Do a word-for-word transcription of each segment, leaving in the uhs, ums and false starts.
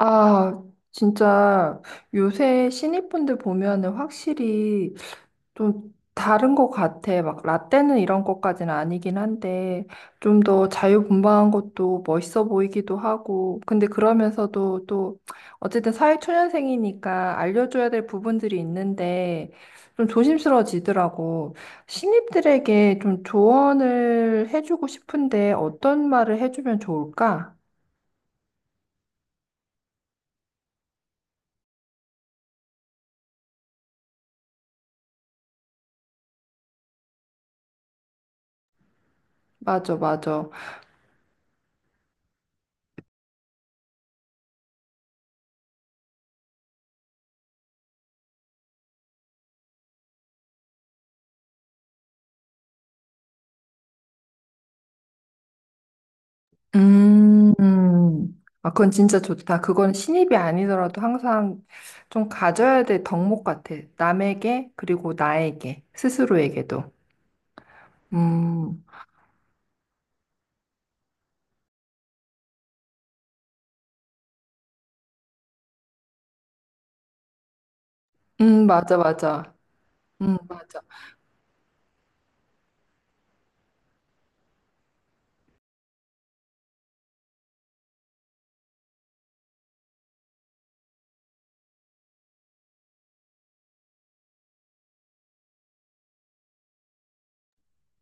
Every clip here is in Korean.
아, 진짜 요새 신입분들 보면은 확실히 좀 다른 것 같아. 막 라떼는 이런 것까지는 아니긴 한데 좀 더 자유분방한 것도 멋있어 보이기도 하고. 근데 그러면서도 또 어쨌든 사회초년생이니까 알려줘야 될 부분들이 있는데 좀 조심스러워지더라고. 신입들에게 좀 조언을 해주고 싶은데 어떤 말을 해주면 좋을까? 맞아, 맞아. 음. 아, 그건 진짜 좋다. 그건 신입이 아니더라도 항상 좀 가져야 될 덕목 같아. 남에게, 그리고 나에게, 스스로에게도. 음, 음, 맞아, 맞아. 음, 맞아.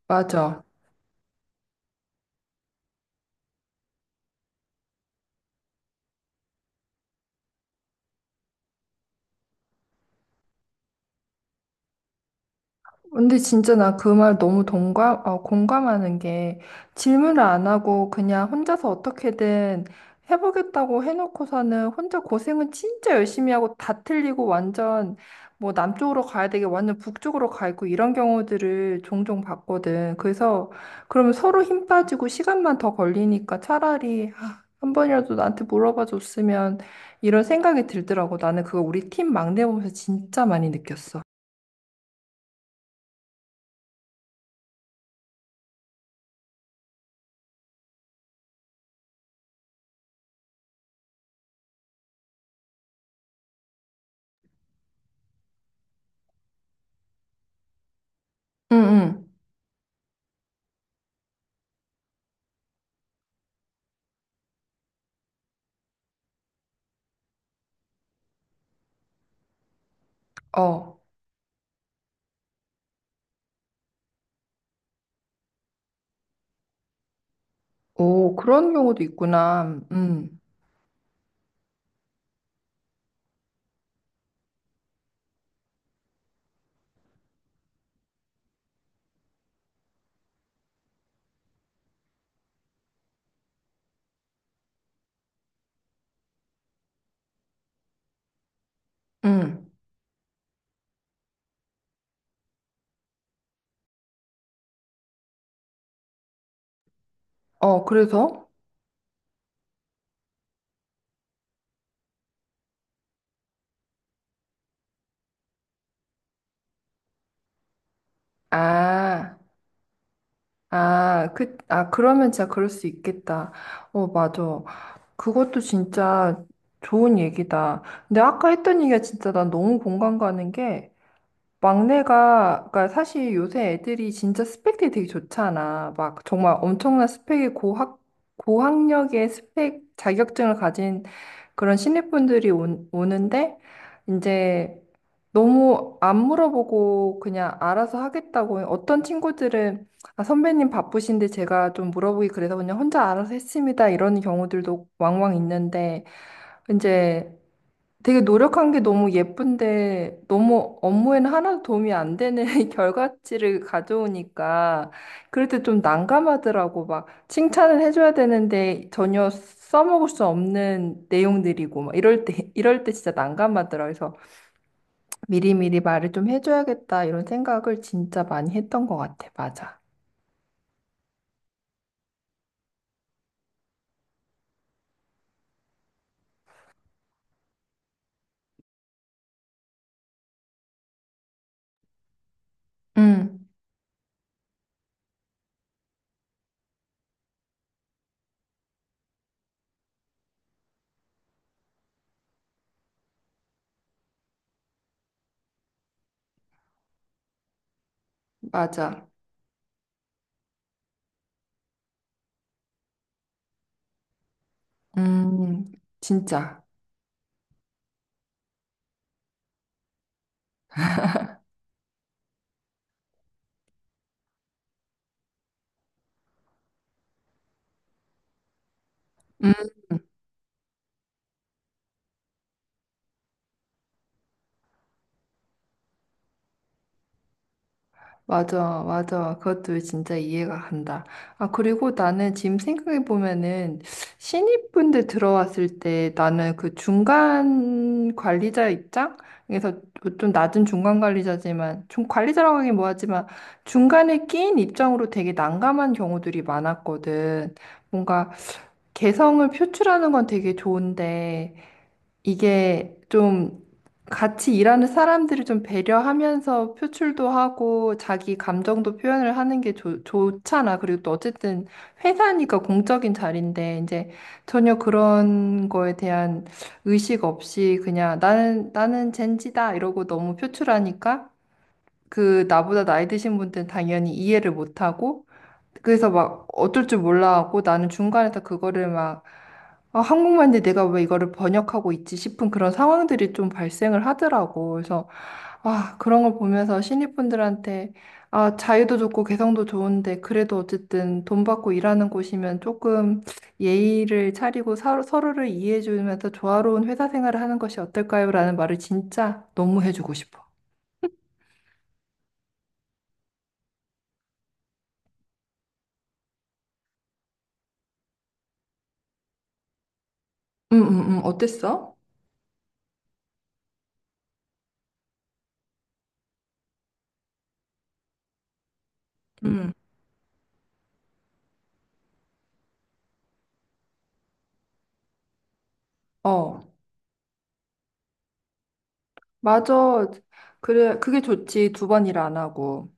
맞아. 근데 진짜 나 그 말 너무 동감, 어, 공감하는 게 질문을 안 하고 그냥 혼자서 어떻게든 해보겠다고 해놓고서는 혼자 고생은 진짜 열심히 하고 다 틀리고 완전 뭐 남쪽으로 가야 되게 완전 북쪽으로 가 있고 이런 경우들을 종종 봤거든. 그래서 그러면 서로 힘 빠지고 시간만 더 걸리니까 차라리 아, 한 번이라도 나한테 물어봐 줬으면 이런 생각이 들더라고. 나는 그거 우리 팀 막내 보면서 진짜 많이 느꼈어. 응, 응. 어. 오, 그런 경우도 있구나. 음, 음. 어, 그래서? 아, 아, 그, 아, 그러면 진짜 그럴 수 있겠다. 어, 맞아. 그것도 진짜 좋은 얘기다. 근데 아까 했던 얘기가 진짜 난 너무 공감 가는 게, 막내가, 그러니까 사실 요새 애들이 진짜 스펙들이 되게 좋잖아. 막 정말 엄청난 스펙의 고학, 고학력의 스펙 자격증을 가진 그런 신입분들이 온- 오는데, 이제 너무 안 물어보고 그냥 알아서 하겠다고. 어떤 친구들은, 아, 선배님 바쁘신데 제가 좀 물어보기 그래서 그냥 혼자 알아서 했습니다. 이런 경우들도 왕왕 있는데, 이제 되게 노력한 게 너무 예쁜데 너무 업무에는 하나도 도움이 안 되는 결과치를 가져오니까 그럴 때 좀 난감하더라고. 막 칭찬을 해줘야 되는데 전혀 써먹을 수 없는 내용들이고 막 이럴 때 이럴 때 진짜 난감하더라. 그래서 미리미리 말을 좀 해줘야겠다 이런 생각을 진짜 많이 했던 것 같아. 맞아. 응, 맞아. 음, 진짜. 맞아, 맞아. 그것도 진짜 이해가 간다. 아, 그리고 나는 지금 생각해 보면은 신입분들 들어왔을 때 나는 그 중간 관리자 입장에서 뭐 좀 낮은 중간 관리자지만 좀 관리자라고 하긴 뭐하지만 중간에 끼인 입장으로 되게 난감한 경우들이 많았거든. 뭔가 개성을 표출하는 건 되게 좋은데 이게 좀 같이 일하는 사람들을 좀 배려하면서 표출도 하고 자기 감정도 표현을 하는 게 좋, 좋잖아. 그리고 또 어쨌든 회사니까 공적인 자리인데 이제 전혀 그런 거에 대한 의식 없이 그냥 나는 나는 젠지다 이러고 너무 표출하니까 그 나보다 나이 드신 분들은 당연히 이해를 못 하고 그래서 막 어쩔 줄 몰라하고 나는 중간에서 그거를 막 아, 한국말인데 내가 왜 이거를 번역하고 있지 싶은 그런 상황들이 좀 발생을 하더라고. 그래서 아, 그런 걸 보면서 신입분들한테 아, 자유도 좋고 개성도 좋은데 그래도 어쨌든 돈 받고 일하는 곳이면 조금 예의를 차리고 서, 서로를 이해해 주면서 조화로운 회사 생활을 하는 것이 어떨까요? 라는 말을 진짜 너무 해주고 싶어. 음, 음, 음. 어땠어? 음. 어. 맞아. 그래, 그게 좋지. 두 번 일 안 하고.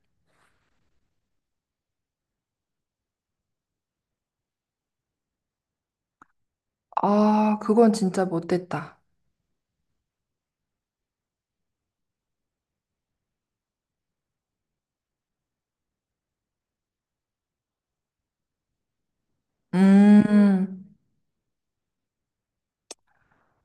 아, 그건 진짜 못됐다. 음.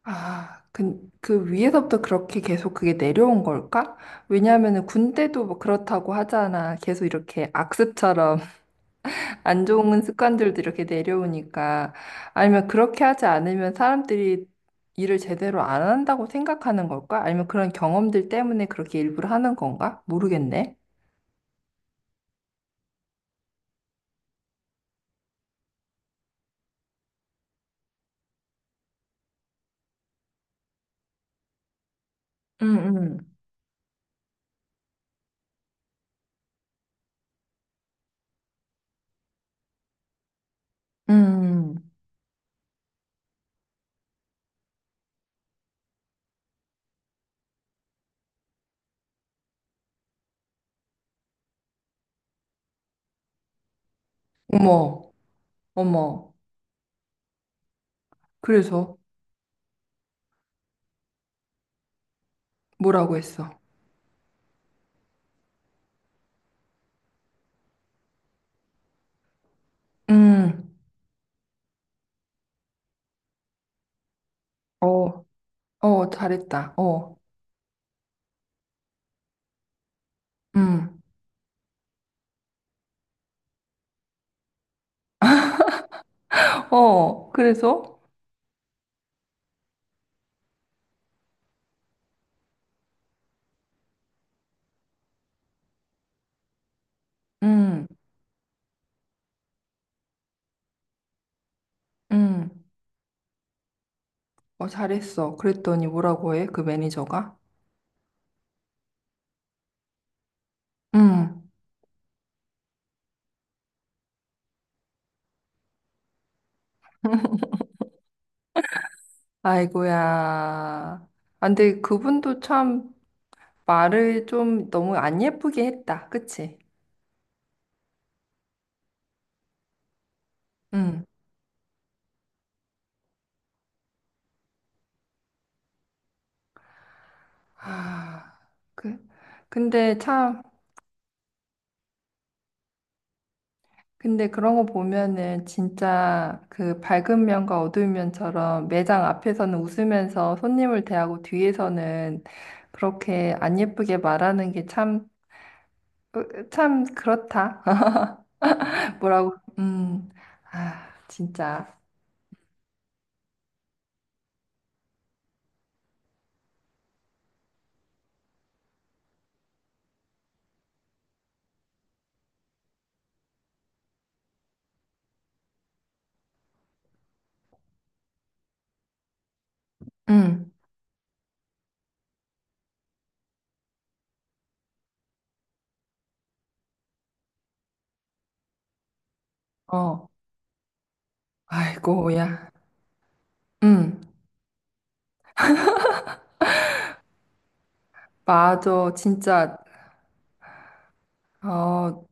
아, 그, 그 위에서부터 그렇게 계속 그게 내려온 걸까? 왜냐하면은 군대도 뭐 그렇다고 하잖아. 계속 이렇게 악습처럼 안 좋은 습관들도 이렇게 내려오니까. 아니면 그렇게 하지 않으면 사람들이 일을 제대로 안 한다고 생각하는 걸까? 아니면 그런 경험들 때문에 그렇게 일부러 하는 건가? 모르겠네. 음, 음, 음. 어머, 어머. 그래서 뭐라고 했어? 음, 어, 어, 잘했다. 어, 음, 어, 그래서? 음, 음, 어, 잘했어. 그랬더니 뭐라고 해? 그 매니저가? 음, 아이고야. 아, 근데 그분도 참 말을 좀 너무 안 예쁘게 했다. 그치? 음. 아, 그, 근데 참. 근데 그런 거 보면은 진짜 그 밝은 면과 어두운 면처럼 매장 앞에서는 웃으면서 손님을 대하고 뒤에서는 그렇게 안 예쁘게 말하는 게 참, 으, 참 그렇다. 뭐라고? 음, 아, 진짜. 음, 어, 아이고야. 음, 맞아. 진짜. 어,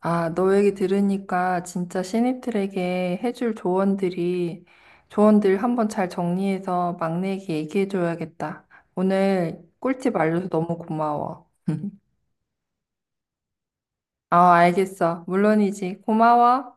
아, 너 얘기 들으니까 진짜 신입들에게 해줄 조언들이, 조언들 한번 잘 정리해서 막내에게 얘기해줘야겠다. 오늘 꿀팁 알려줘서 너무 고마워. 아, 알겠어. 물론이지. 고마워.